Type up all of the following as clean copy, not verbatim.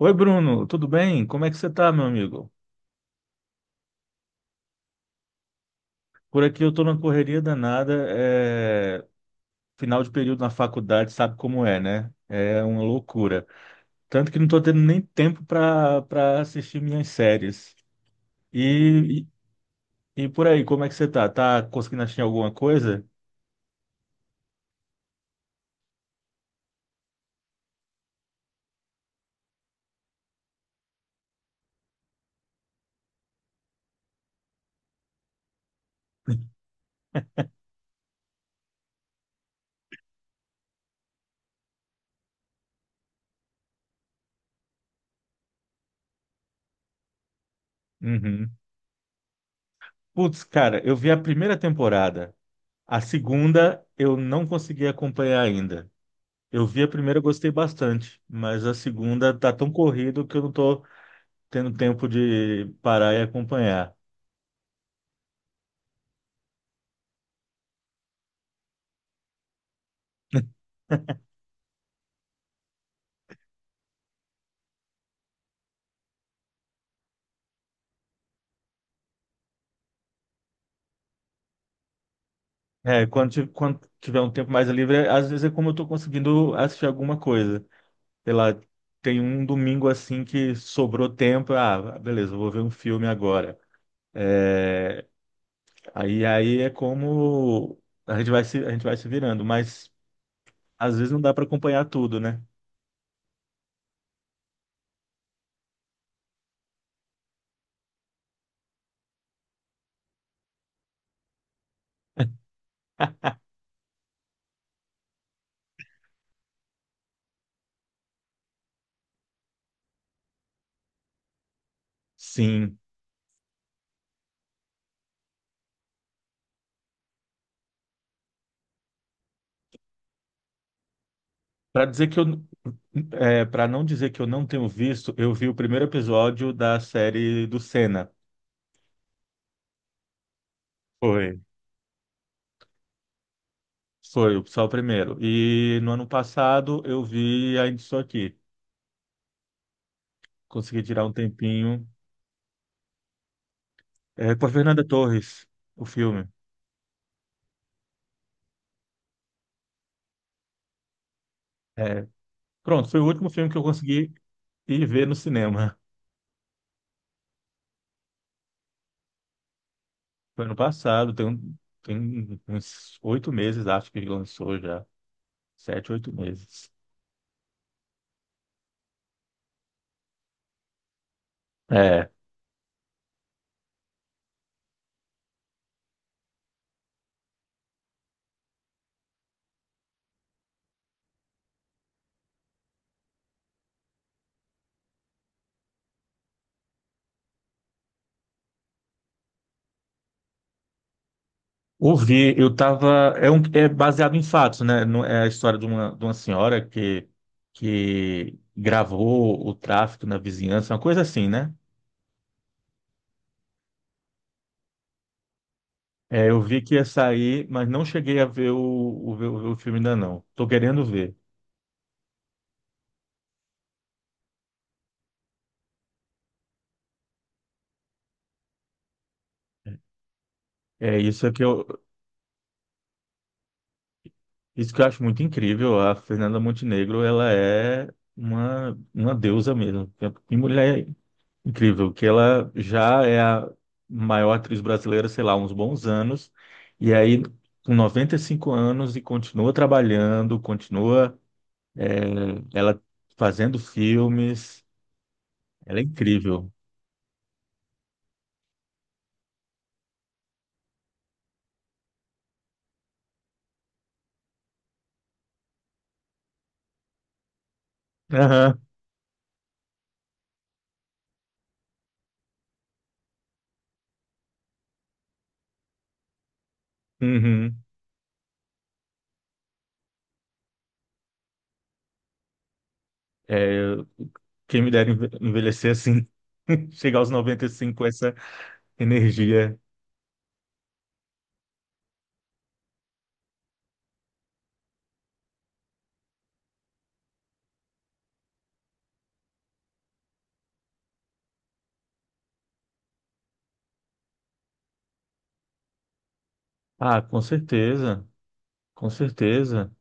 Oi, Bruno, tudo bem? Como é que você tá, meu amigo? Por aqui eu tô na correria danada, final de período na faculdade, sabe como é, né? É uma loucura. Tanto que não tô tendo nem tempo para assistir minhas séries. E, e por aí, como é que você tá? Tá conseguindo assistir alguma coisa? Uhum. Putz, cara, eu vi a primeira temporada. A segunda eu não consegui acompanhar ainda. Eu vi a primeira, gostei bastante, mas a segunda tá tão corrido que eu não tô tendo tempo de parar e acompanhar. É, quando tiver um tempo mais livre, às vezes é como eu tô conseguindo assistir alguma coisa. Sei lá, tem um domingo assim que sobrou tempo, ah, beleza, eu vou ver um filme agora. É, aí é como a gente vai se virando, mas às vezes não dá para acompanhar tudo, né? Sim. Para dizer que eu, Para não dizer que eu não tenho visto, eu vi o primeiro episódio da série do Senna. Foi. Foi só o primeiro. E no ano passado eu vi Ainda Estou Aqui. Consegui tirar um tempinho. É, com a Fernanda Torres, o filme. É, pronto, foi o último filme que eu consegui ir ver no cinema. Foi ano passado, tem uns oito meses, acho que lançou já. Sete, oito meses. É, eu tava. É baseado em fatos, né? É a história de uma senhora que gravou o tráfico na vizinhança, uma coisa assim, né? É, eu vi que ia sair, mas não cheguei a ver ver o filme ainda não. Tô querendo ver. É isso é que eu, isso que eu acho muito incrível. A Fernanda Montenegro, ela é uma deusa mesmo. E mulher incrível, que ela já é a maior atriz brasileira, sei lá, uns bons anos. E aí, com 95 anos, e continua trabalhando, continua, é, ela fazendo filmes. Ela é incrível. Aham. Uhum. É, quem me dera enve- envelhecer assim, chegar aos 95 com essa energia. Ah, com certeza, com certeza.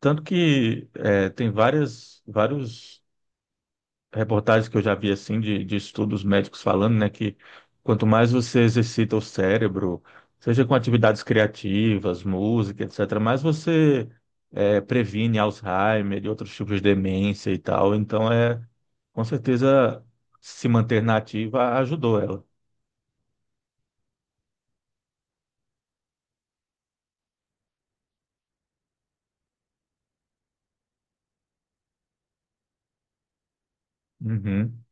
Tem várias, vários reportagens que eu já vi assim de estudos médicos falando, né, que quanto mais você exercita o cérebro, seja com atividades criativas, música, etc., mais previne Alzheimer e outros tipos de demência e tal. Então é com certeza se manter na ativa ajudou ela. Uhum.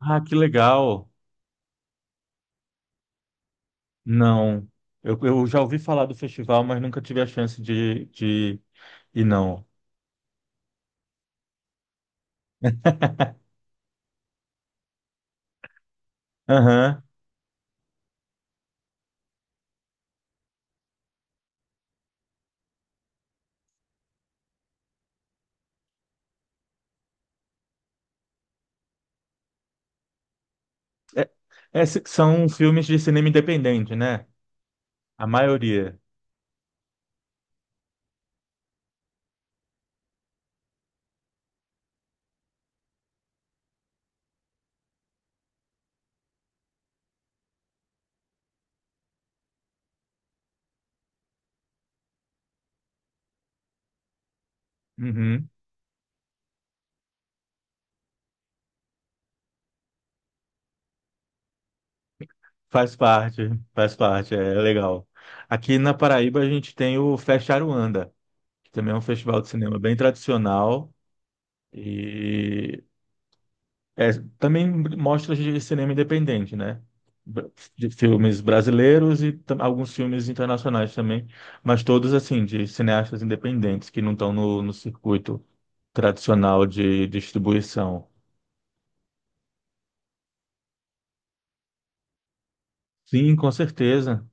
Ah, que legal! Não, eu já ouvi falar do festival, mas nunca tive a chance de ir, não. Aham. É- são filmes de cinema independente, né? A maioria. Uhum. Faz parte, é legal. Aqui na Paraíba a gente tem o Fest Aruanda, que também é um festival de cinema bem tradicional e é, também mostras de cinema independente, né? Br- De filmes brasileiros e alguns filmes internacionais também, mas todos assim, de cineastas independentes que não estão no circuito tradicional de distribuição. Sim, com certeza.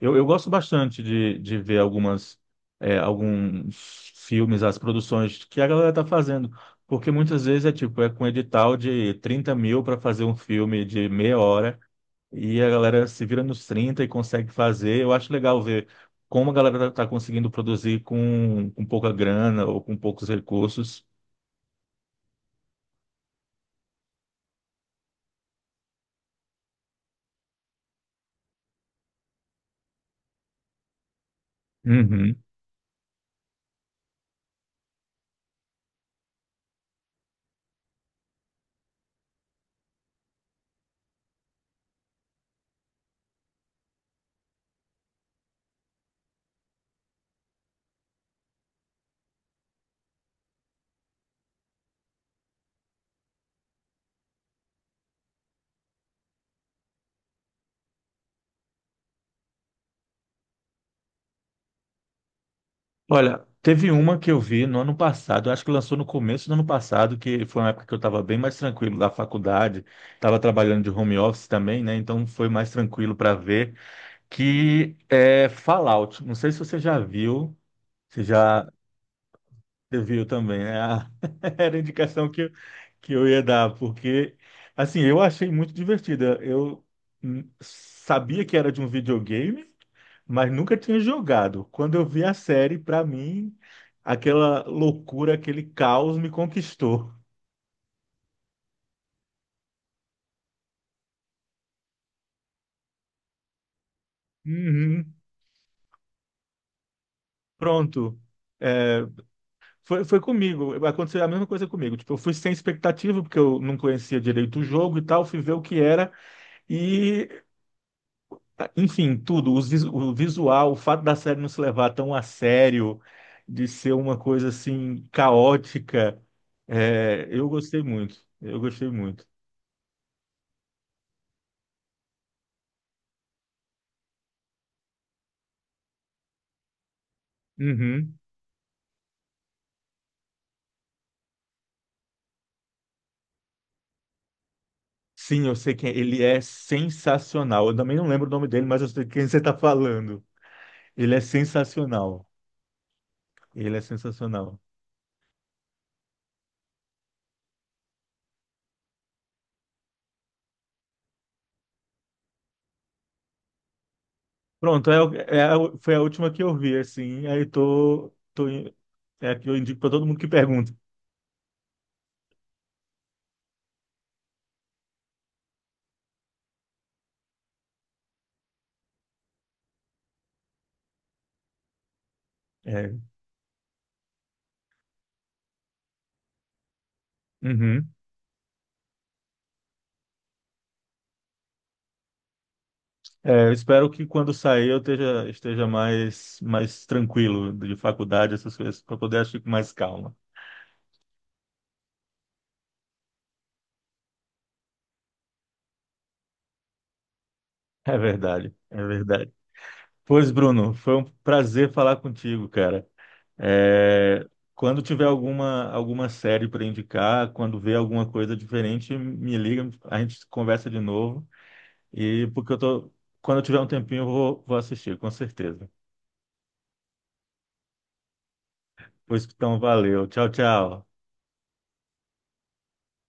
Eu gosto bastante de ver algumas, alguns filmes, as produções que a galera tá fazendo, porque muitas vezes é tipo, é com edital de 30.000 para fazer um filme de meia hora e a galera se vira nos 30 e consegue fazer. Eu acho legal ver como a galera tá conseguindo produzir com pouca grana ou com poucos recursos. Uhum. Olha, teve uma que eu vi no ano passado, eu acho que lançou no começo do ano passado, que foi uma época que eu estava bem mais tranquilo da faculdade, estava trabalhando de home office também, né? Então foi mais tranquilo para ver, que é Fallout. Não sei se você já viu, se já você viu também, né? Ah, era a indicação que eu ia dar, porque, assim, eu achei muito divertida. Eu sabia que era de um videogame, mas nunca tinha jogado. Quando eu vi a série, para mim, aquela loucura, aquele caos me conquistou. Uhum. Pronto. É, foi comigo. Aconteceu a mesma coisa comigo. Tipo, eu fui sem expectativa, porque eu não conhecia direito o jogo e tal, fui ver o que era. E tá, enfim, tudo, o visual, o fato da série não se levar tão a sério, de ser uma coisa assim caótica, é, eu gostei muito. Eu gostei muito. Uhum. Sim, eu sei que ele é sensacional. Eu também não lembro o nome dele, mas eu sei quem você está falando. Ele é sensacional. Ele é sensacional. Pronto, é, o- é a- foi a última que eu vi, assim. Aí tô, tô, in- é a que eu indico para todo mundo que pergunta. É. Uhum. É, eu espero que quando sair eu esteja, esteja mais, mais tranquilo de faculdade, essas coisas, para poder agir com mais calma. É verdade, é verdade. Pois, Bruno, foi um prazer falar contigo, cara. É, quando tiver alguma, alguma série para indicar, quando ver alguma coisa diferente, me liga, a gente conversa de novo. Porque eu tô, quando eu tiver um tempinho, eu vou assistir, com certeza. Pois então, valeu. Tchau, tchau.